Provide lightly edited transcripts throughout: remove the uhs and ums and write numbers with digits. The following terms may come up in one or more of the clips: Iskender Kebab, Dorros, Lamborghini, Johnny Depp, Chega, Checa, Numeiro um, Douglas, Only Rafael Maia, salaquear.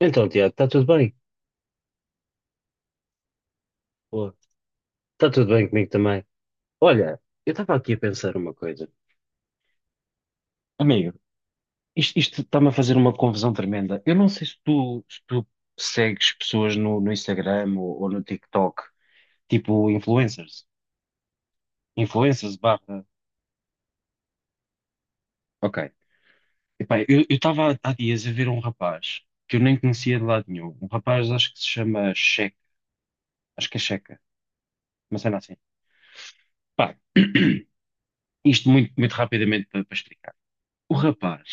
Então, Tiago, está tudo bem? Boa. Está tudo bem comigo também. Olha, eu estava aqui a pensar uma coisa. Amigo, isto está-me a fazer uma confusão tremenda. Eu não sei se tu segues pessoas no Instagram ou no TikTok, tipo influencers. Influencers barra. Ok. Epá, eu estava há dias a ver um rapaz que eu nem conhecia de lado nenhum. Um rapaz, acho que se chama Checa. Acho que é Checa. Mas cena assim. Pá, isto muito, muito rapidamente para explicar. O rapaz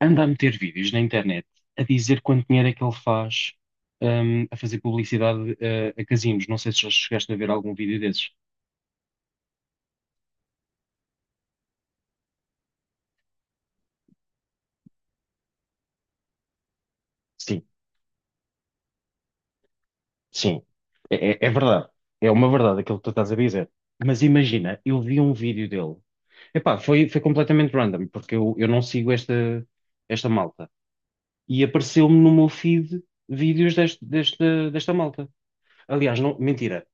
anda a meter vídeos na internet a dizer quanto dinheiro é que ele faz, a fazer publicidade, a casinos. Não sei se já chegaste a ver algum vídeo desses. Sim, sim. É verdade. É uma verdade aquilo que tu estás a dizer. Mas imagina, eu vi um vídeo dele. Epá, foi completamente random, porque eu não sigo esta malta. E apareceu-me no meu feed vídeos deste, desta desta malta. Aliás, não, mentira.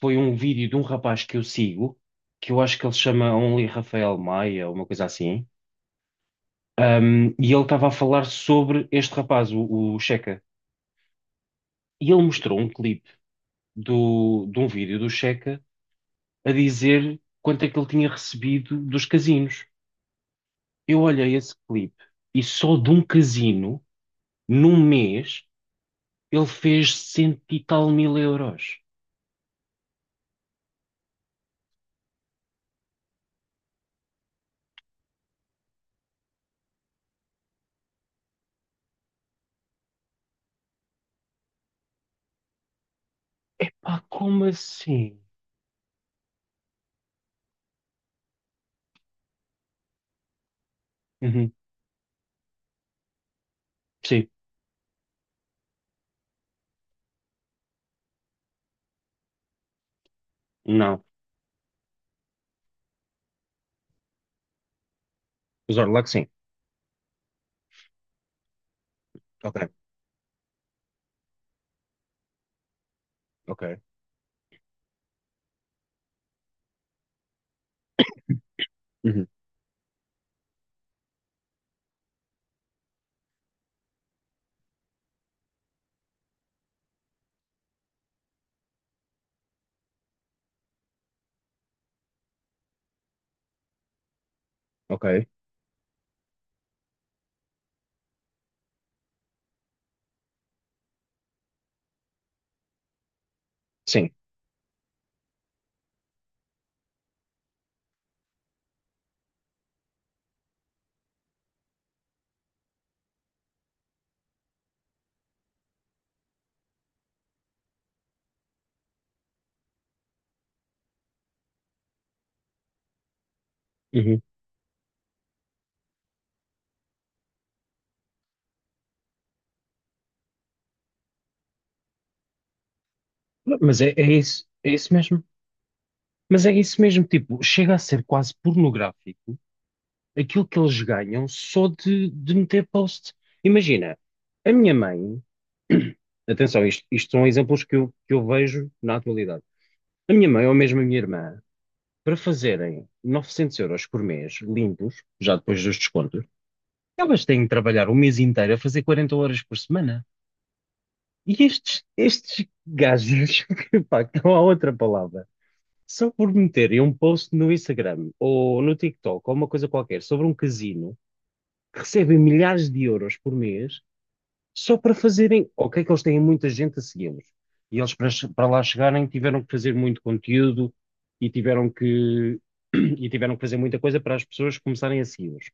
Foi um vídeo de um rapaz que eu sigo, que eu acho que ele se chama Only Rafael Maia, uma coisa assim. E ele estava a falar sobre este rapaz, o Checa. E ele mostrou um clipe de um vídeo do Checa a dizer quanto é que ele tinha recebido dos casinos. Eu olhei esse clipe e só de um casino, num mês, ele fez cento e tal mil euros. Pá, como assim? Uhum. Sim, não. Os Orlac, sim. Ok, ok. Uhum, ok. Sim. Uhum. Mas é isso, é isso mesmo. Mas é isso mesmo, tipo, chega a ser quase pornográfico aquilo que eles ganham só de meter post. Imagina, a minha mãe, atenção, isto são exemplos que eu vejo na atualidade. A minha mãe ou mesmo a minha irmã, para fazerem 900 € por mês, limpos, já depois dos descontos, elas têm de trabalhar o mês inteiro a fazer 40 horas por semana. E estes gajos, pá, não há outra palavra. Se eu por meterem um post no Instagram ou no TikTok ou uma coisa qualquer sobre um casino, recebem milhares de euros por mês só para fazerem. Ok, que eles têm muita gente a segui-los. E eles, para, para lá chegarem, tiveram que fazer muito conteúdo e tiveram que, e tiveram que fazer muita coisa para as pessoas começarem a segui-los.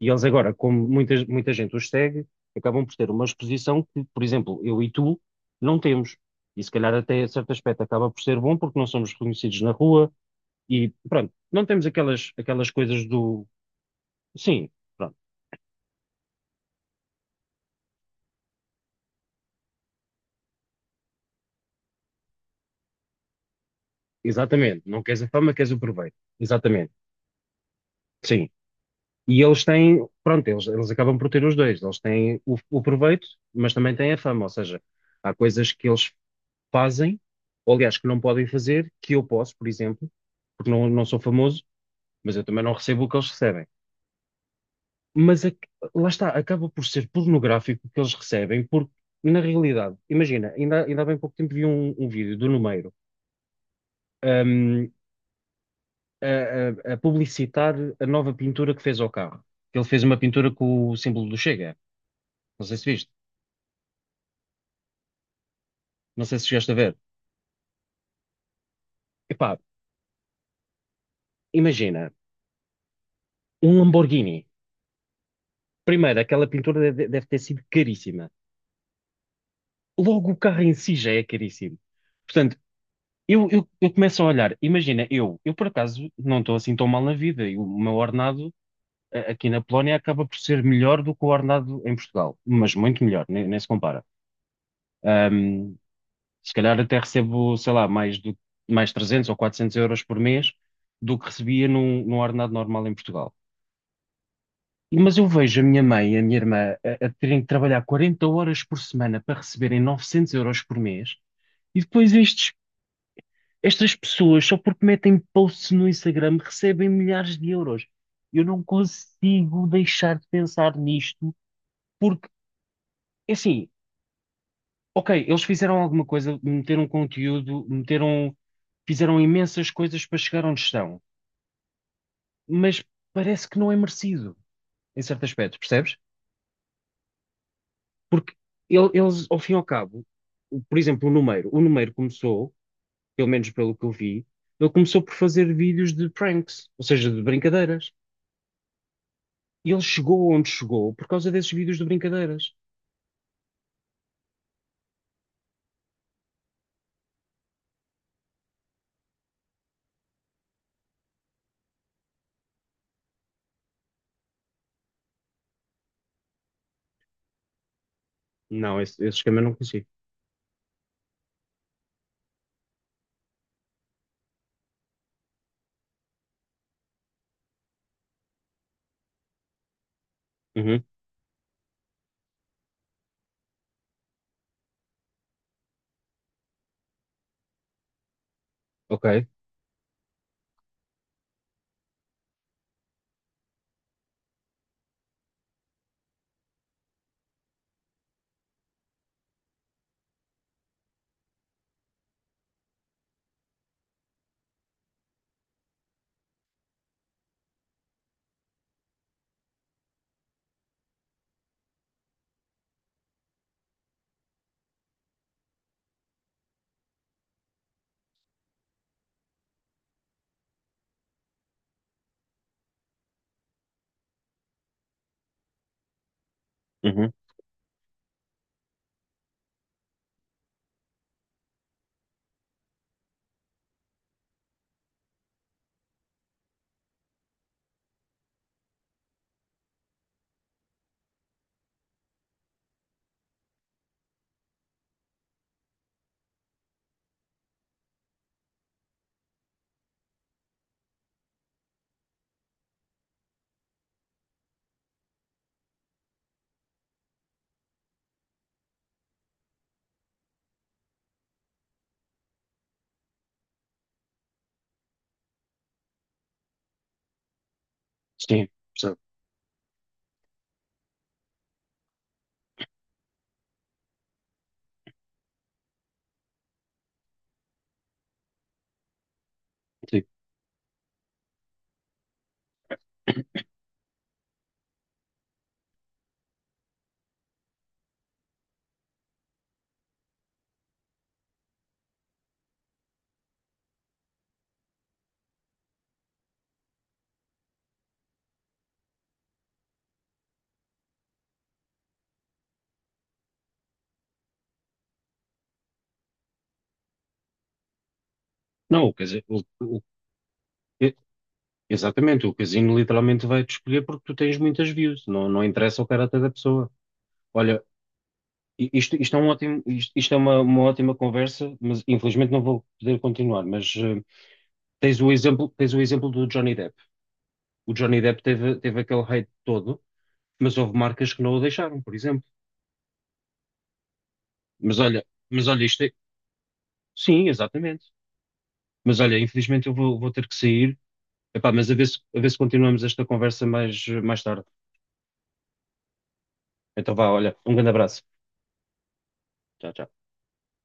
E eles agora, como muita gente os segue, acabam por ter uma exposição que, por exemplo, eu e tu não temos. E se calhar até a certo aspecto acaba por ser bom porque não somos reconhecidos na rua e pronto, não temos aquelas coisas do. Sim, pronto, exatamente. Não queres a fama, queres o proveito. Exatamente, sim. E eles têm, pronto, eles acabam por ter os dois. Eles têm o proveito, mas também têm a fama. Ou seja, há coisas que eles fazem, ou aliás, que não podem fazer, que eu posso, por exemplo, porque não sou famoso, mas eu também não recebo o que eles recebem. Mas a- Lá está, acaba por ser pornográfico o que eles recebem, porque na realidade, imagina, ainda há bem pouco tempo vi um vídeo do Numeiro. um, a, a publicitar a nova pintura que fez ao carro. Ele fez uma pintura com o símbolo do Chega. Não sei se viste, não sei se chegaste a ver. Epá, imagina, um Lamborghini. Primeiro, aquela deve ter sido caríssima. Logo, o carro em si já é caríssimo. Portanto, eu começo a olhar, imagina, eu por acaso não estou assim tão mal na vida e o meu ordenado aqui na Polónia acaba por ser melhor do que o ordenado em Portugal, mas muito melhor, nem se compara. Um, Se calhar até recebo, sei lá, mais 300 ou 400 € por mês do que recebia num ordenado normal em Portugal. Mas eu vejo a minha mãe e a minha irmã a terem que trabalhar 40 horas por semana para receberem 900 € por mês e depois estas pessoas, só porque metem posts no Instagram, recebem milhares de euros. Eu não consigo deixar de pensar nisto porque, é assim, ok, eles fizeram alguma coisa, meteram conteúdo, fizeram imensas coisas para chegar onde estão, mas parece que não é merecido, em certo aspecto, percebes? Porque eles, ao fim e ao cabo, por exemplo, o Numeiro começou, pelo menos pelo que eu vi, ele começou por fazer vídeos de pranks, ou seja, de brincadeiras. E ele chegou onde chegou por causa desses vídeos de brincadeiras. Não, esse esquema eu não consigo. Uhum, ok, uhum, sim, percebo, sim. Não, quer dizer, exatamente, o casino literalmente vai-te escolher porque tu tens muitas views, não interessa o caráter da pessoa. Olha, isto, isto, isto é uma ótima conversa, mas infelizmente não vou poder continuar. Mas tens o exemplo do Johnny Depp. O Johnny Depp teve aquele hate todo, mas houve marcas que não o deixaram, por exemplo. Mas olha, isto é... Sim, exatamente. Mas olha, infelizmente eu vou ter que sair. Epá, mas a ver se continuamos esta conversa mais tarde. Então vá, olha, um grande abraço. Tchau, tchau.